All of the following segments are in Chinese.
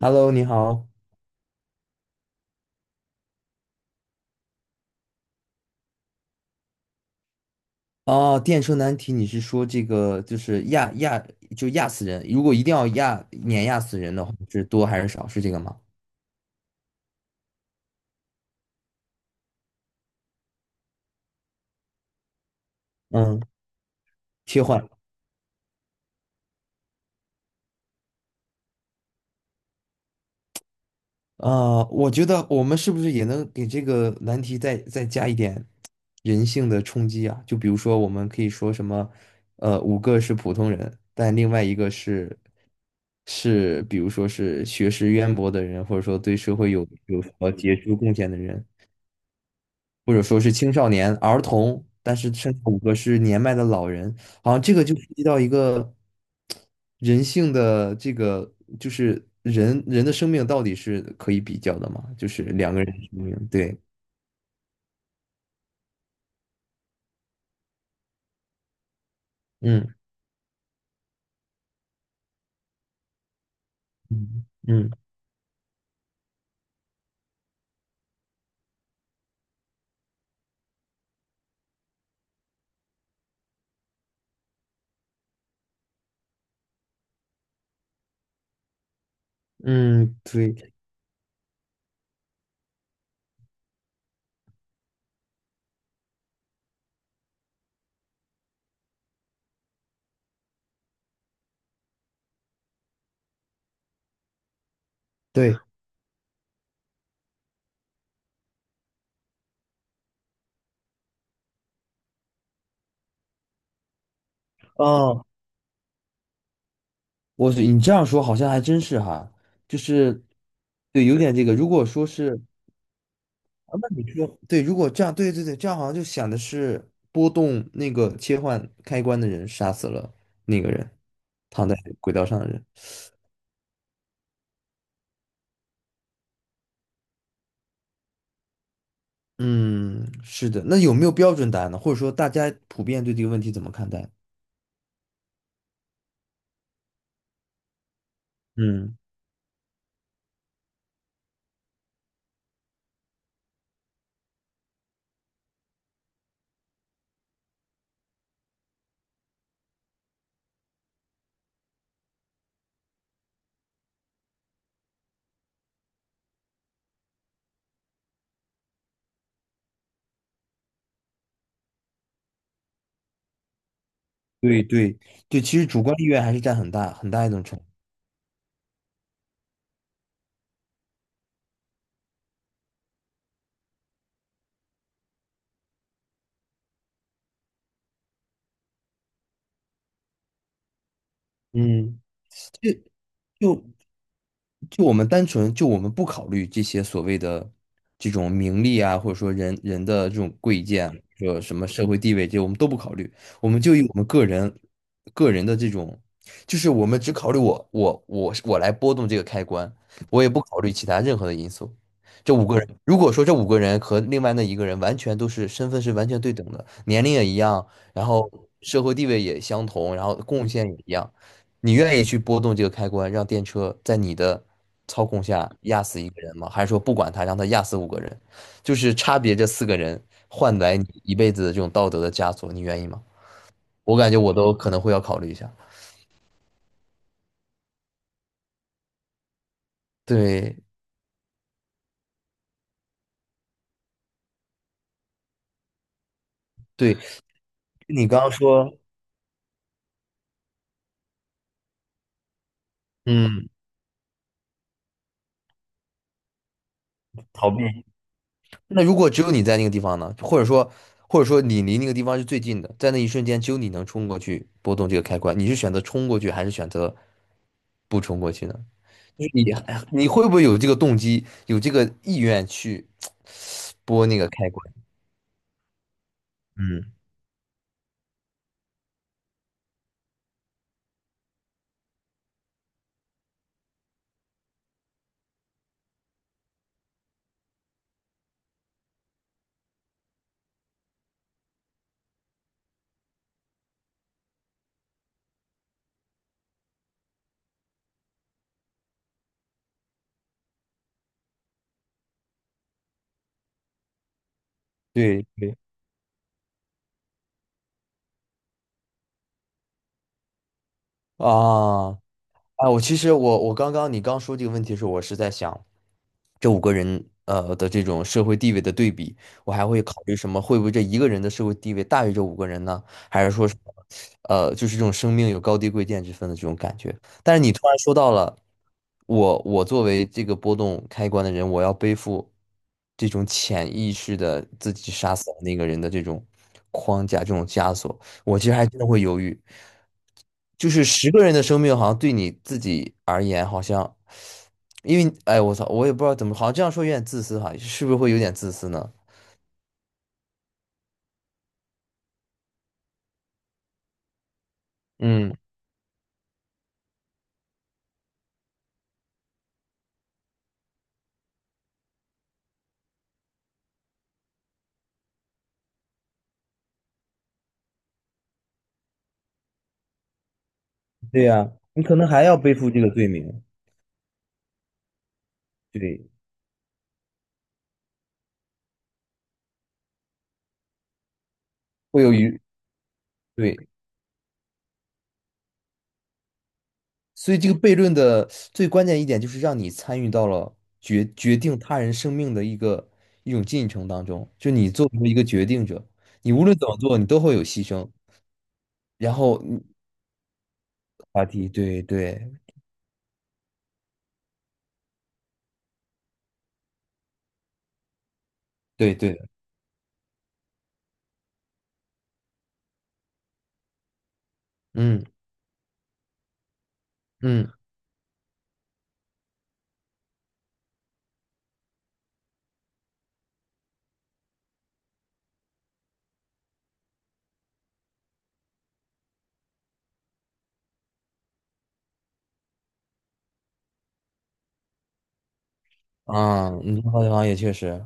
Hello，你好。哦，电车难题，你是说这个就是压就压死人？如果一定要碾压死人的话，是多还是少？是这个吗？嗯，切换。我觉得我们是不是也能给这个难题再加一点人性的冲击啊？就比如说，我们可以说什么，五个是普通人，但另外一个是，比如说是学识渊博的人，或者说对社会有什么杰出贡献的人。或者说是青少年、儿童，但是甚至五个是年迈的老人，好像这个就涉及到一个人性的这个，就是人的生命到底是可以比较的嘛？就是两个人的生命，对，嗯嗯嗯嗯，对对，哦，你这样说好像还真是哈，就是对，有点这个，如果说是。啊那你说，对，如果这样，对对对，这样好像就想的是波动那个切换开关的人杀死了那个人，躺在轨道上的人。嗯，是的。那有没有标准答案呢？或者说大家普遍对这个问题怎么看待？嗯，对对对，其实主观意愿还是占很大很大一种成。嗯。就就我们单纯就我们不考虑这些所谓的这种名利啊，或者说人的这种贵贱，说什么社会地位，这些我们都不考虑，我们就以我们个人的这种，就是我们只考虑我来波动这个开关，我也不考虑其他任何的因素。这五个人，如果说这五个人和另外那一个人完全都是身份是完全对等的，年龄也一样，然后社会地位也相同，然后贡献也一样。你愿意去拨动这个开关，让电车在你的操控下压死一个人吗？还是说不管他，让他压死五个人？就是差别这四个人换来你一辈子的这种道德的枷锁，你愿意吗？我感觉我都可能会要考虑一下。对对，你刚刚说，嗯，逃避。那如果只有你在那个地方呢？或者说，或者说你离那个地方是最近的，在那一瞬间只有你能冲过去拨动这个开关，你是选择冲过去还是选择不冲过去呢？你哎你会不会有这个动机，有这个意愿去拨那个开关？嗯，对对啊，啊，我其实刚刚你刚说这个问题的时候，我是在想这五个人的这种社会地位的对比，我还会考虑什么？会不会这一个人的社会地位大于这五个人呢？还是说什么就是这种生命有高低贵贱之分的这种感觉？但是你突然说到了我作为这个波动开关的人，我要背负这种潜意识的自己杀死了那个人的这种框架这种枷锁。我其实还真的会犹豫，就是10个人的生命，好像对你自己而言，好像，因为哎，我操，我也不知道怎么，好像这样说有点自私哈，是不是会有点自私呢？嗯，对呀，你可能还要背负这个罪名。对，会有余，对，所以这个悖论的最关键一点就是让你参与到了决定他人生命的一种进程当中，就你作为一个决定者，你无论怎么做，你都会有牺牲，然后话题，对对对对。嗯嗯啊，你这个地方也确实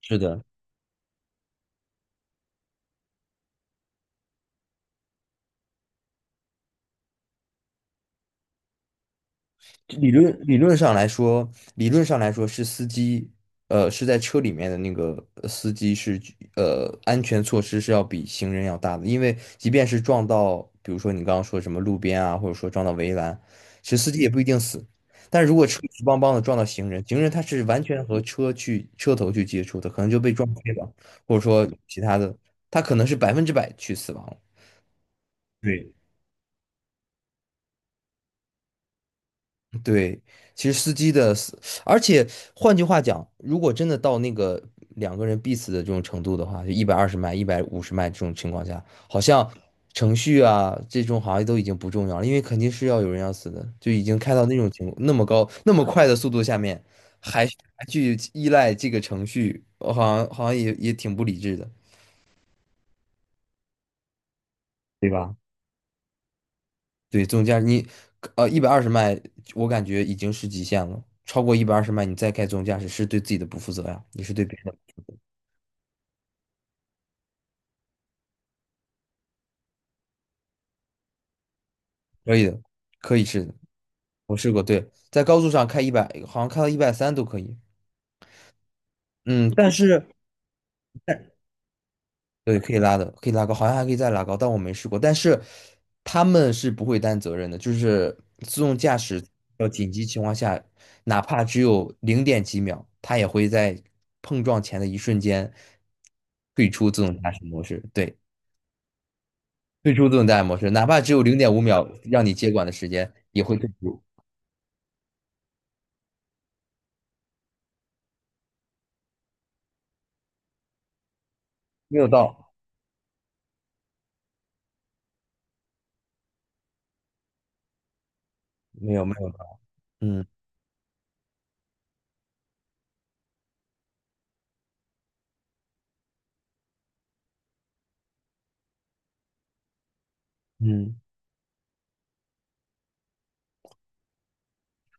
是的。理论理论上来说，理论上来说是司机，是在车里面的那个司机是安全措施是要比行人要大的，因为即便是撞到，比如说你刚刚说什么路边啊，或者说撞到围栏，其实司机也不一定死。但如果车直邦邦的撞到行人，行人他是完全和车头去接触的，可能就被撞飞了，或者说其他的，他可能是100%去死亡了。对，对，其实司机的司，而且换句话讲，如果真的到那个两个人必死的这种程度的话，就一百二十迈、150迈这种情况下，好像程序啊这种好像都已经不重要了，因为肯定是要有人要死的，就已经开到那种那么高、那么快的速度下面，还去依赖这个程序，好像也挺不理智的，对吧？对，自动驾驶，你一百二十迈，我感觉已经是极限了。超过一百二十迈，你再开自动驾驶是对自己的不负责呀，你是对别人的可以的，可以试的，我试过。对，在高速上开一百，好像开到130都可以。嗯，但是对，可以拉的，可以拉高，好像还可以再拉高，但我没试过。但是他们是不会担责任的，就是自动驾驶要紧急情况下，哪怕只有零点几秒，它也会在碰撞前的一瞬间退出自动驾驶模式。对，退出自动驾驶模式，哪怕只有0.5秒让你接管的时间，也会退出。没有到，没有没有到，嗯嗯。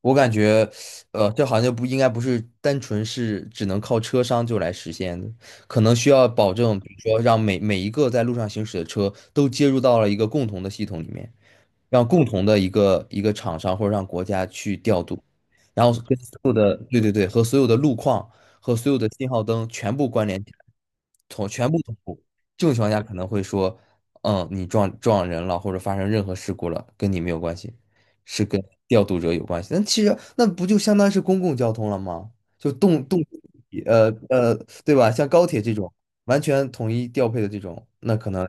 我感觉，这好像就不应该不是单纯是只能靠车商就来实现的，可能需要保证，比如说让每一个在路上行驶的车都接入到了一个共同的系统里面。让共同的一个厂商或者让国家去调度，然后跟所有的，对对对，和所有的路况和所有的信号灯全部关联起来，全部同步。这种情况下可能会说，你撞人了或者发生任何事故了，跟你没有关系，是跟调度者有关系。那其实那不就相当于是公共交通了吗？就动动，呃呃，对吧？像高铁这种完全统一调配的这种，那可能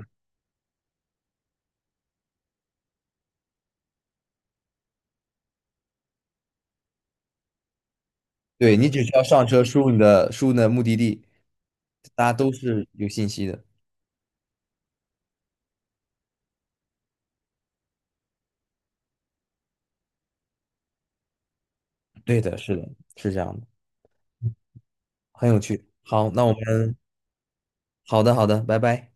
对，你只需要上车，输入你的目的地，大家都是有信息的。对的，是的，是这样的，很有趣。好，那我们好的，好的，拜拜。